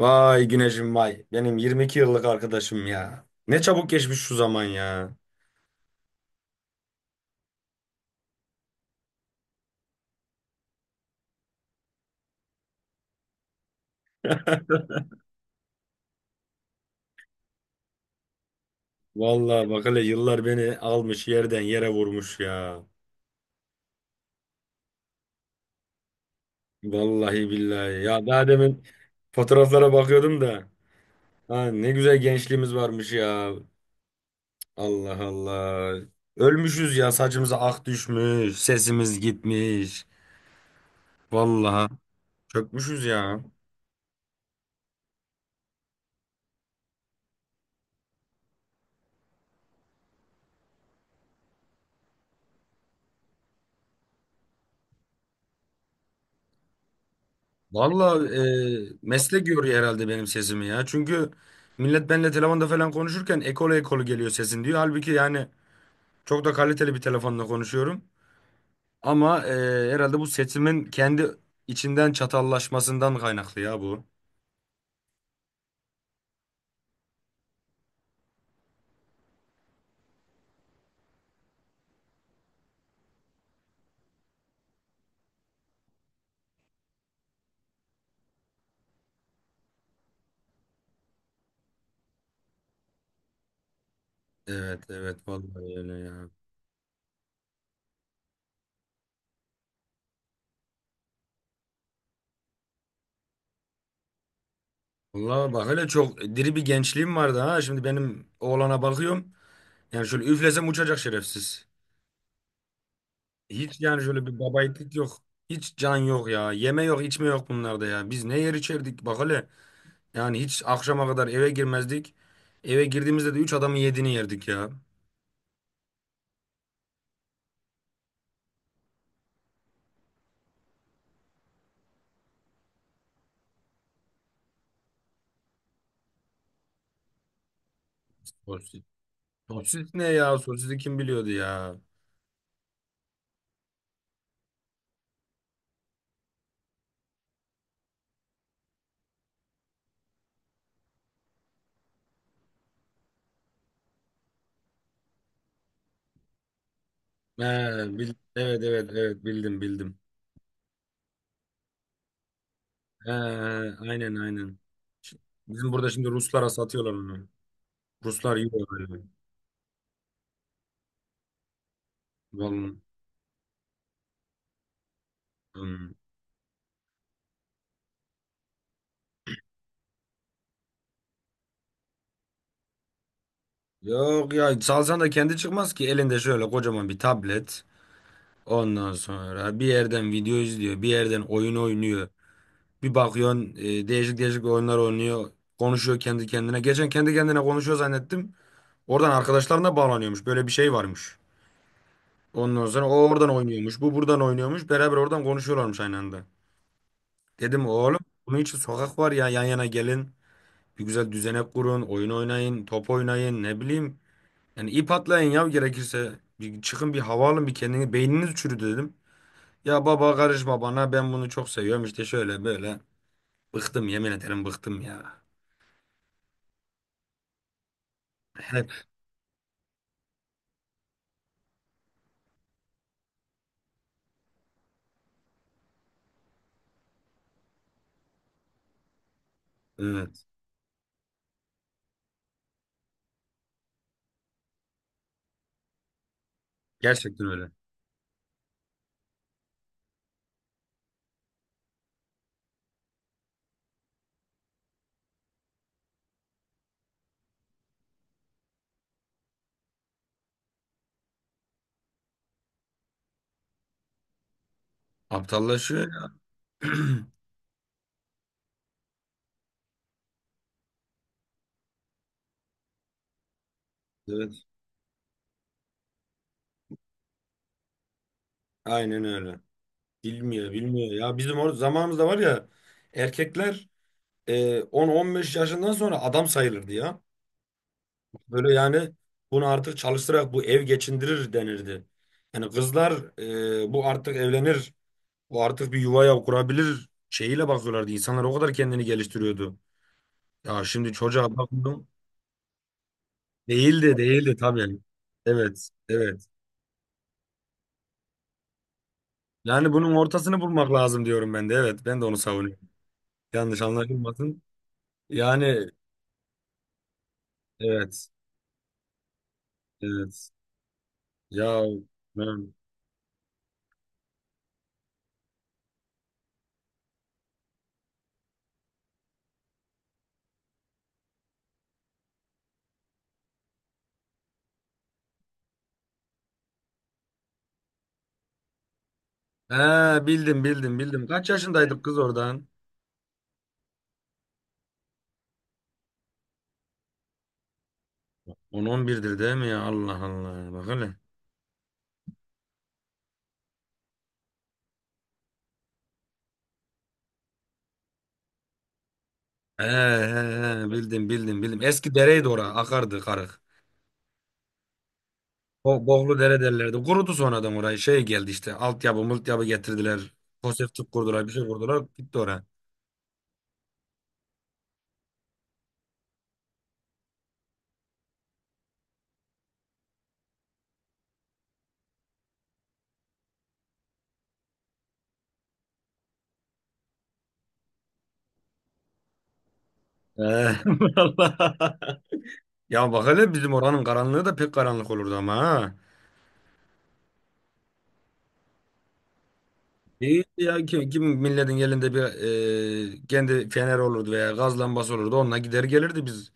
Vay Güneş'im vay. Benim 22 yıllık arkadaşım ya. Ne çabuk geçmiş şu zaman ya. Vallahi bak hele yıllar beni almış yerden yere vurmuş ya. Vallahi billahi. Ya daha demin fotoğraflara bakıyordum da. Ha, ne güzel gençliğimiz varmış ya. Allah Allah. Ölmüşüz ya, saçımıza ak düşmüş. Sesimiz gitmiş. Vallahi çökmüşüz ya. Vallahi meslek yoruyor herhalde benim sesimi ya. Çünkü millet benimle telefonda falan konuşurken ekolu ekolu geliyor sesin diyor. Halbuki yani çok da kaliteli bir telefonla konuşuyorum. Ama herhalde bu sesimin kendi içinden çatallaşmasından kaynaklı ya bu. Evet evet, vallahi öyle ya. Vallahi bak hele, çok diri bir gençliğim vardı ha. Şimdi benim oğlana bakıyorum. Yani şöyle üflesem uçacak şerefsiz. Hiç yani şöyle bir babayiğitlik yok. Hiç can yok ya. Yeme yok, içme yok bunlarda ya. Biz ne yer içerdik bak hele. Yani hiç akşama kadar eve girmezdik. Eve girdiğimizde de üç adamın yediğini yerdik ya. Sosis. Sosis ne ya? Sosisi kim biliyordu ya? He, evet evet evet, bildim bildim. He, aynen aynen. Ş- Bizim burada şimdi Ruslara satıyorlar onu. Ruslar yiyor öyle. Vallahi. Hmm. Yok ya, salsan da kendi çıkmaz ki elinde şöyle kocaman bir tablet. Ondan sonra bir yerden video izliyor, bir yerden oyun oynuyor. Bir bakıyorsun değişik değişik oyunlar oynuyor. Konuşuyor kendi kendine. Geçen kendi kendine konuşuyor zannettim. Oradan arkadaşlarına bağlanıyormuş. Böyle bir şey varmış. Ondan sonra o oradan oynuyormuş. Bu buradan oynuyormuş. Beraber oradan konuşuyorlarmış aynı anda. Dedim oğlum, bunun için sokak var ya, yan yana gelin. Bir güzel düzenek kurun. Oyun oynayın. Top oynayın. Ne bileyim. Yani ip atlayın ya, gerekirse. Bir çıkın, bir hava alın. Bir kendini beyniniz çürüdü dedim. Ya baba karışma bana, ben bunu çok seviyorum işte, şöyle böyle. Bıktım, yemin ederim, bıktım ya. Hep evet. Gerçekten öyle. Aptallaşıyor ya. Evet. Aynen öyle. Bilmiyor, bilmiyor ya. Bizim or zamanımızda var ya, erkekler 10-15 yaşından sonra adam sayılırdı ya. Böyle yani, bunu artık çalıştırarak bu ev geçindirir denirdi. Yani kızlar bu artık evlenir. Bu artık bir yuvaya kurabilir şeyiyle bakıyorlardı. İnsanlar o kadar kendini geliştiriyordu. Ya şimdi çocuğa bakıyorum. Değil de, değil de tabii. Evet, evet. Yani bunun ortasını bulmak lazım diyorum ben de. Evet, ben de onu savunuyorum. Yanlış anlaşılmasın. Yani evet, evet. Ya ben... He, bildim bildim bildim. Kaç yaşındaydık kız oradan? On on birdir değil mi ya? Allah Allah. Bak hele. He, he, he. Bildim bildim bildim. Eski dereydi ora. Akardı karık. Boğlu dere derlerdi. Kurudu sonradan orayı. Şey geldi işte. Altyapı multyapı getirdiler. Konseptlik kurdular. Bir şey kurdular. Gitti oraya. Ee, vallahi. Ya bak hele, bizim oranın karanlığı da pek karanlık olurdu ama ha. İyi ya, kim milletin elinde bir kendi fener olurdu veya gaz lambası olurdu. Onunla gider gelirdi biz.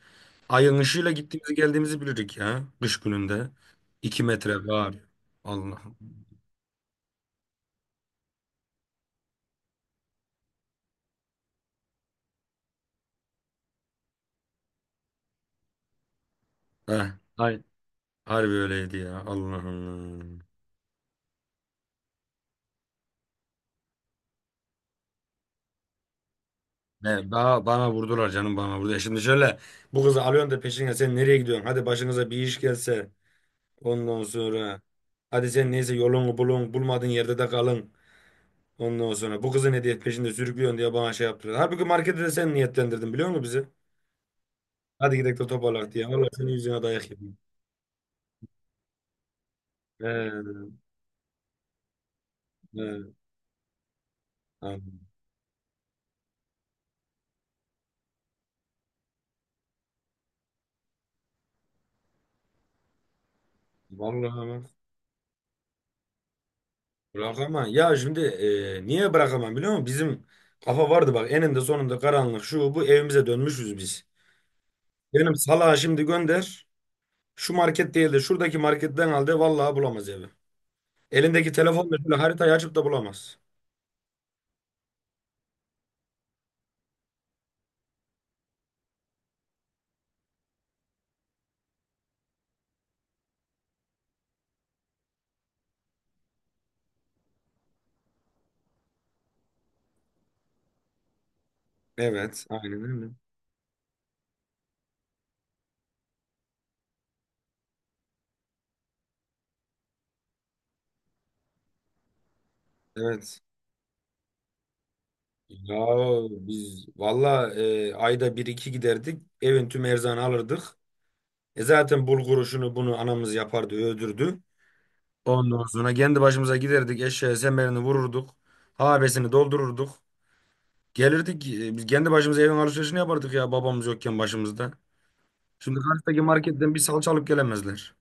Ayın ışığıyla gittiğimizi geldiğimizi bilirdik ya. Kış gününde. İki metre var. Allah. Heh, hay- harbi öyleydi ya. Allah Allah. Ne, daha bana vurdular canım, bana vurdu. E, şimdi şöyle, bu kızı alıyorsun da peşine, sen nereye gidiyorsun? Hadi başınıza bir iş gelse ondan sonra. Hadi sen neyse, yolunu bulun, bulmadığın yerde de kalın. Ondan sonra bu kızı ne diye peşinde sürüklüyorsun diye bana şey yaptılar. Halbuki markete de sen niyetlendirdin biliyor musun bizi? Hadi gidelim de toparlak diye. Vallahi senin yüzüne dayak yedim. Ee, ee, tamam. Vallahi ama bırakamam. Ya şimdi niye bırakamam biliyor musun? Bizim kafa vardı bak, eninde sonunda karanlık şu bu evimize dönmüşüz biz. Benim salağa şimdi gönder. Şu market değil de şuradaki marketten al de, vallahi bulamaz evi. Elindeki telefonla şöyle haritayı açıp da bulamaz. Evet, aynen öyle. Evet. Ya biz valla ayda bir iki giderdik. Evin tüm erzağını alırdık. E zaten bulguru şunu bunu anamız yapardı, öldürdü. Ondan sonra kendi başımıza giderdik. Eşeğe semerini vururduk. Habesini doldururduk. Gelirdik. Biz kendi başımıza evin alışverişini yapardık ya, babamız yokken başımızda. Şimdi karşıdaki marketten bir salça alıp gelemezler.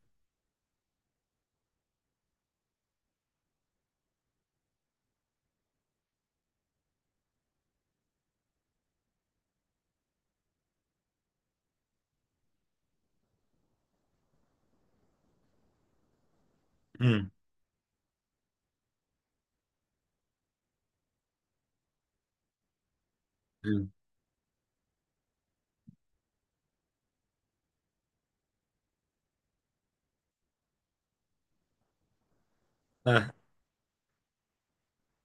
Hı. Hı. Heh.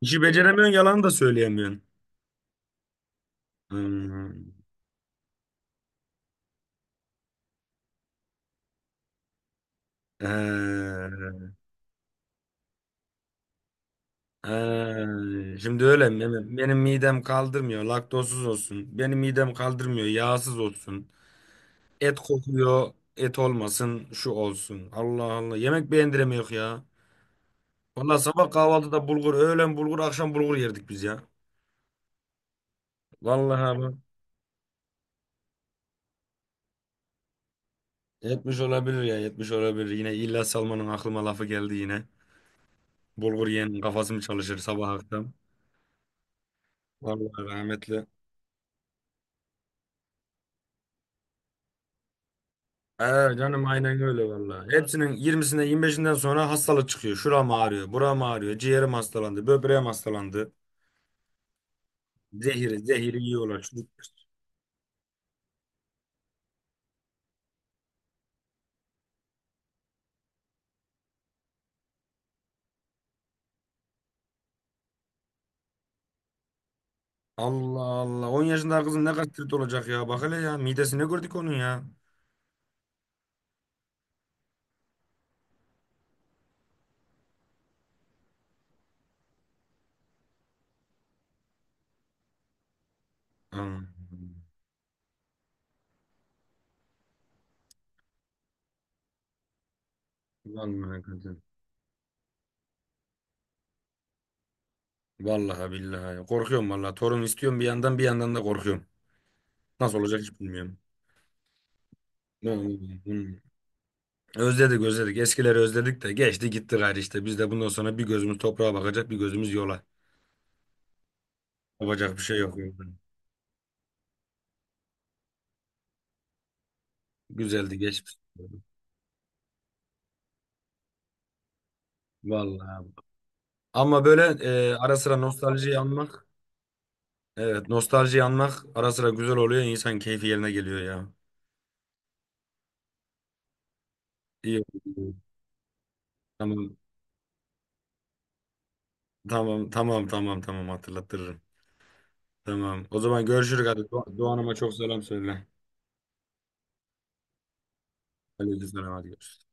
İşi beceremiyorsun, yalan da söyleyemiyorsun. Hmm. Ee, Şimdi öyle mi? Mehmet? Benim midem kaldırmıyor, laktozsuz olsun. Benim midem kaldırmıyor, yağsız olsun. Et kokuyor, et olmasın, şu olsun. Allah Allah. Yemek beğendiremiyor ya. Vallahi sabah kahvaltıda bulgur, öğlen bulgur, akşam bulgur yerdik biz ya. Vallahi abi. Yetmiş olabilir ya, yetmiş olabilir. Yine İlyas Salman'ın aklıma lafı geldi yine. Bulgur yiyenin kafası mı çalışır sabah akşam? Vallahi rahmetli. Ee, Canım aynen öyle vallahi. Hepsinin 20'sine 25'inden sonra hastalık çıkıyor. Şuram ağrıyor, buram ağrıyor, ciğerim hastalandı, böbreğim hastalandı. Zehiri, zehiri yiyorlar çocuklar. Allah Allah. 10 yaşında kızın ne gastrit olacak ya. Bak hele ya. Midesi ne gördük onun ya. Aman. Vallahi kadın. Vallahi billahi. Korkuyorum vallahi. Torun istiyorum bir yandan, bir yandan da korkuyorum. Nasıl olacak hiç bilmiyorum. Vallahi. Özledik, özledik. Eskileri özledik de geçti gitti gayrı işte. Biz de bundan sonra bir gözümüz toprağa bakacak, bir gözümüz yola. Yapacak bir şey yok, yani. Güzeldi geçmiş. Vallahi, abi. Ama böyle ara sıra nostaljiyi anmak, evet, nostaljiyi anmak ara sıra güzel oluyor. İnsan keyfi yerine geliyor ya. İyi. Oldu. Tamam. Tamam tamam tamam tamam, hatırlatırım. Tamam. O zaman görüşürüz hadi. Doğan'ıma çok selam söyle. Aleykümselam, hadi görüşürüz.